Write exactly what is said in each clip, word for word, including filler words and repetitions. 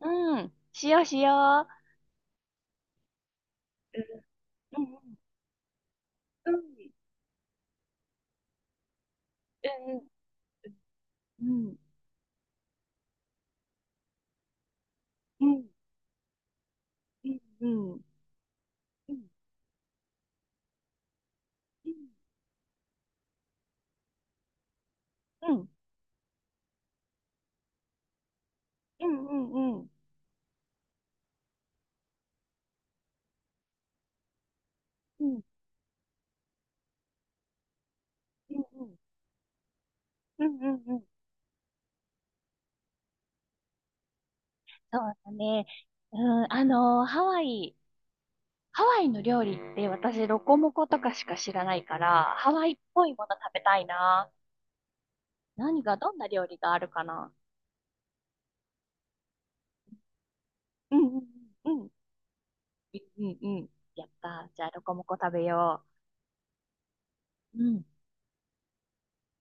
うん。しようしよう。うん。うん。うん。うん。うん。うん。うん。うん。うん。うん。うん。うん。うん。うん。うん。うん。そうだね。うん。あの、ハワイ、ハワイの料理って私、ロコモコとかしか知らないから、ハワイっぽいもの食べたいな。何が、どんな料理があるかな。うん。うん。うん。うん。うん。やった。じゃあ、ロコモコ食べよう。うん。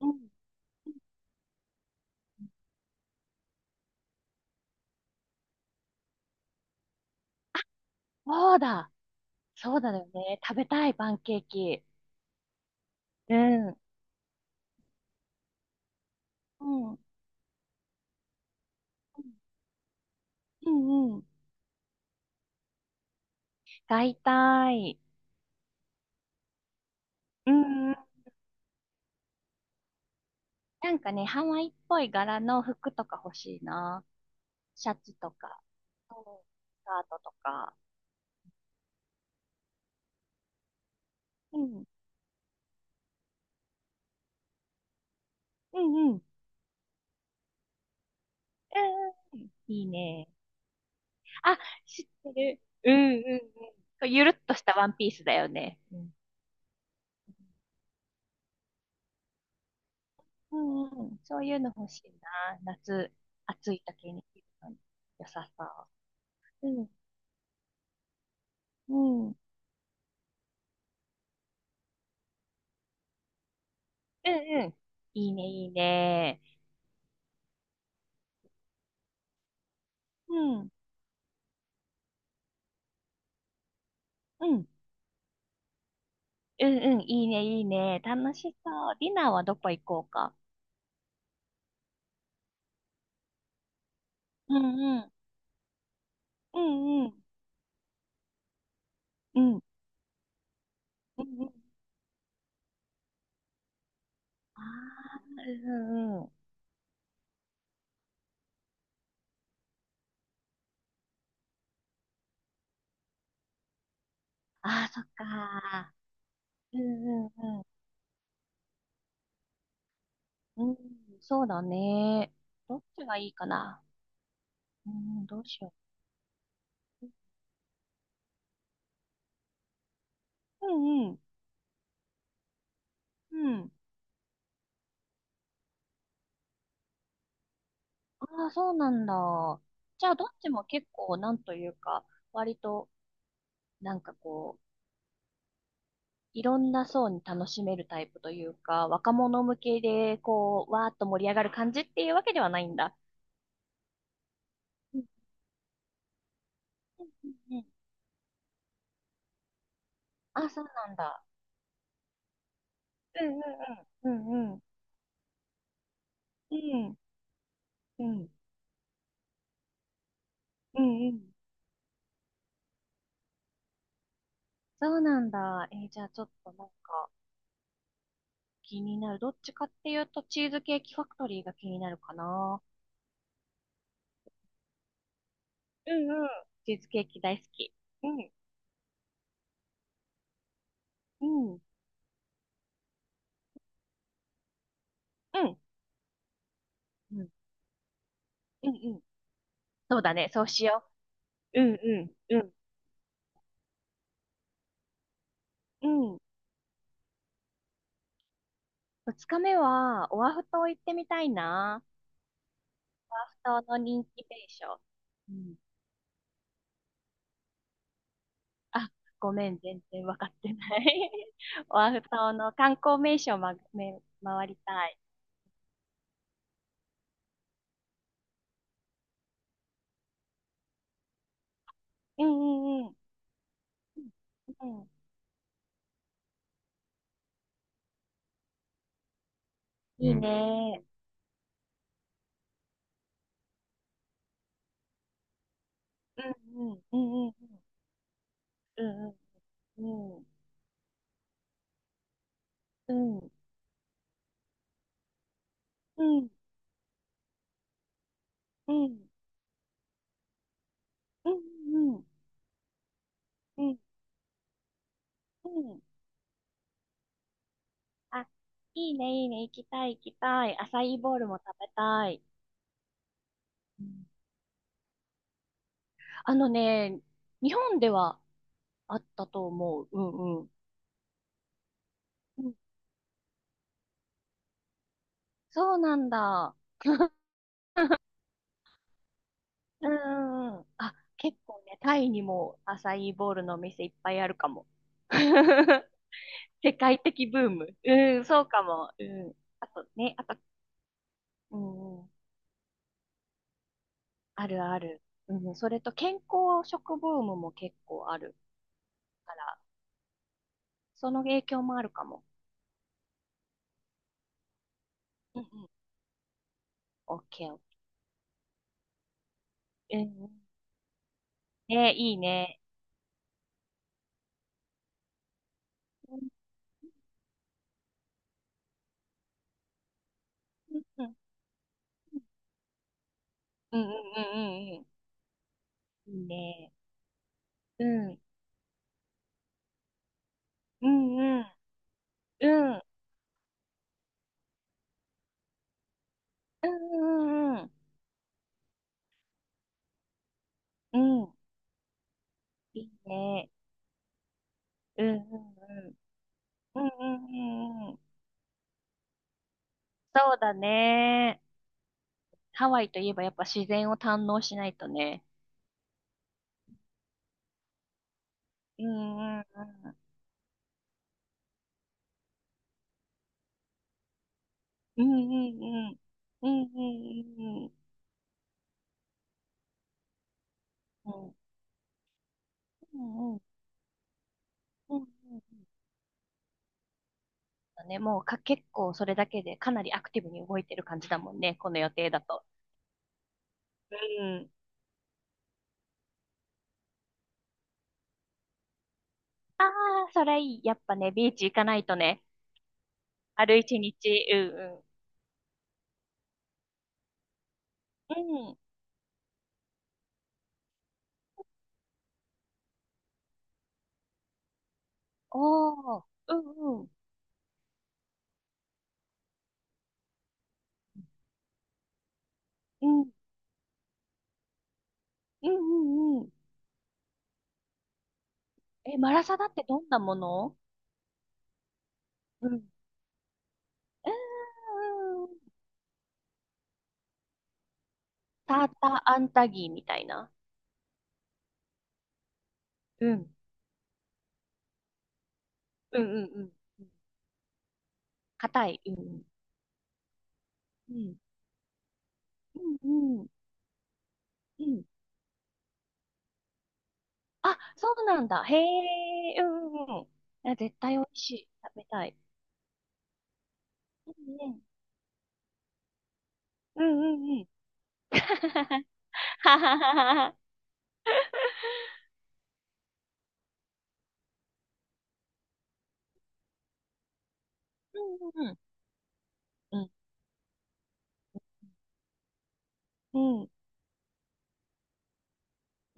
うん。そうだ。そうだよね。食べたい、パンケーキ。うん。うん。うんうん。買いたい。うんうん。なんかね、ハワイっぽい柄の服とか欲しいな。シャツとか、うんスカートとか。うん。うんうん。うんうん。いいね。あ、知ってる。うんうんうん。こうゆるっとしたワンピースだよね。うん。うんうん。そういうの欲しいな。夏、暑い時に着るのに良さそう。うん。うん。うんうん。いいね、いいね。うん、うん、うんうん、いいね、いいね。楽しそう。ディナーはどこ行こうか。うん、うん、うん、うん、うん、うんうん。ああ、うんうん。ああ、そっか。うんうんうん。うん、そうだね。どっちがいいかな。うん、どうしよう。うん、うん、うん。ああ、そうなんだ。じゃあ、どっちも結構、なんというか、割と、なんかこう、いろんな層に楽しめるタイプというか、若者向けで、こう、わーっと盛り上がる感じっていうわけではないんだ。うんうんうん、あ、そうなんだ。うんうんうんうんうんうんうんうん、そうなんだ。えーじゃあちょっとなんか気になる。どっちかっていうとチーズケーキファクトリーが気になるかな。うんうん。チーズケーキ大好き。うんうんうんうんうんうん。そうだね。そうしよう。うんうんうんうん。二日目は、オアフ島行ってみたいな。オアフ島の人気名所。うん。あ、ごめん、全然分かってない オアフ島の観光名所をま、め、回りたい。うんうんうん。うん。ういいん。ね。うんうんうんうんうんうんうんうんうんうんうんうんうん、あ、いいねいいね。行きたい行きたい。アサイーボウルも食べたい。あのね、日本ではあったと思う。うんうん。うんそうなんだ。うんうんうん。あ、結構ね、タイにもアサイーボウルのお店いっぱいあるかも。世界的ブーム。うん、そうかも。うん。あとね、あと、うんうん、あるある。うん、それと健康食ブームも結構あるから、その影響もあるかも。うんうん。オッケー。うん。ね、いいね。うんうんうんうんうんうんうん。いいね。うん。うんうん。うん。うんうんうん。うん。いいね。うんうんうん。うんうんうんうん。そうだね。ハワイといえばやっぱ自然を堪能しないとね。うんうんうん。うんうんうん。うんうんうん。うんうんうん。うんうんうん、だね、もうか、結構それだけでかなりアクティブに動いてる感じだもんね。この予定だと。うん。ああ、それいい。やっぱね、ビーチ行かないとね。ある一日。うんうん。うん。おー。うんうん。うん、うん、うん、うん。え、マラサダってどんなもの。うん。うん。ターターアンタギーみたいな。うん。うん、うん、うん。硬い。うん。うん。うん、うん。あ、そうなんだ。へえ、うん、うん。絶対おいしい。食べたい。うん、うん。う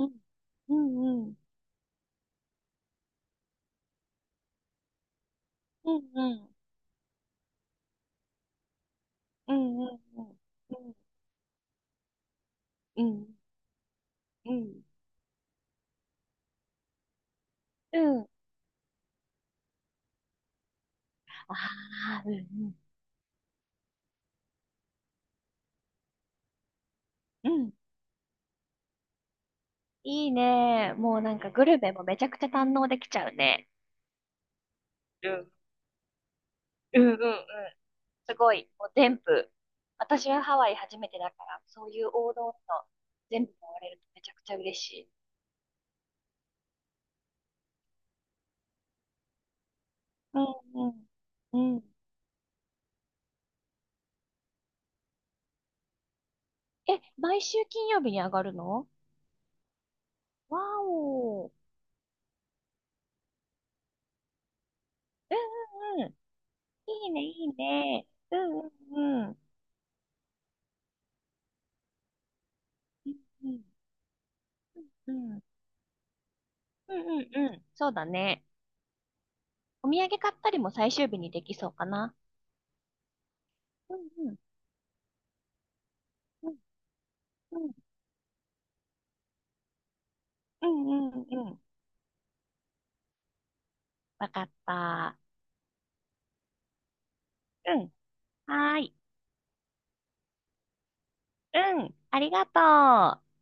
ん、うん、うん。うん、うん。うん、うん。うん、うん。うん、うん。うん、うん。ああ、うんうん。うん。いいね。もうなんかグルメもめちゃくちゃ堪能できちゃうね。うん。うんうんうん。すごい。もう全部。私はハワイ初めてだから、そういう王道の全部回れるとめちゃくちゃ嬉しい。うんうん。うん。え、毎週金曜日に上がるの。わお。うんうんうん。いいね、いいね。うんうんうん。うんうんうん。うんうんうん。そうだね。お土産買ったりも最終日にできそうかな。うんうんうんうんうんうんうん。わかった。うん。はーい。うん。ありがとう。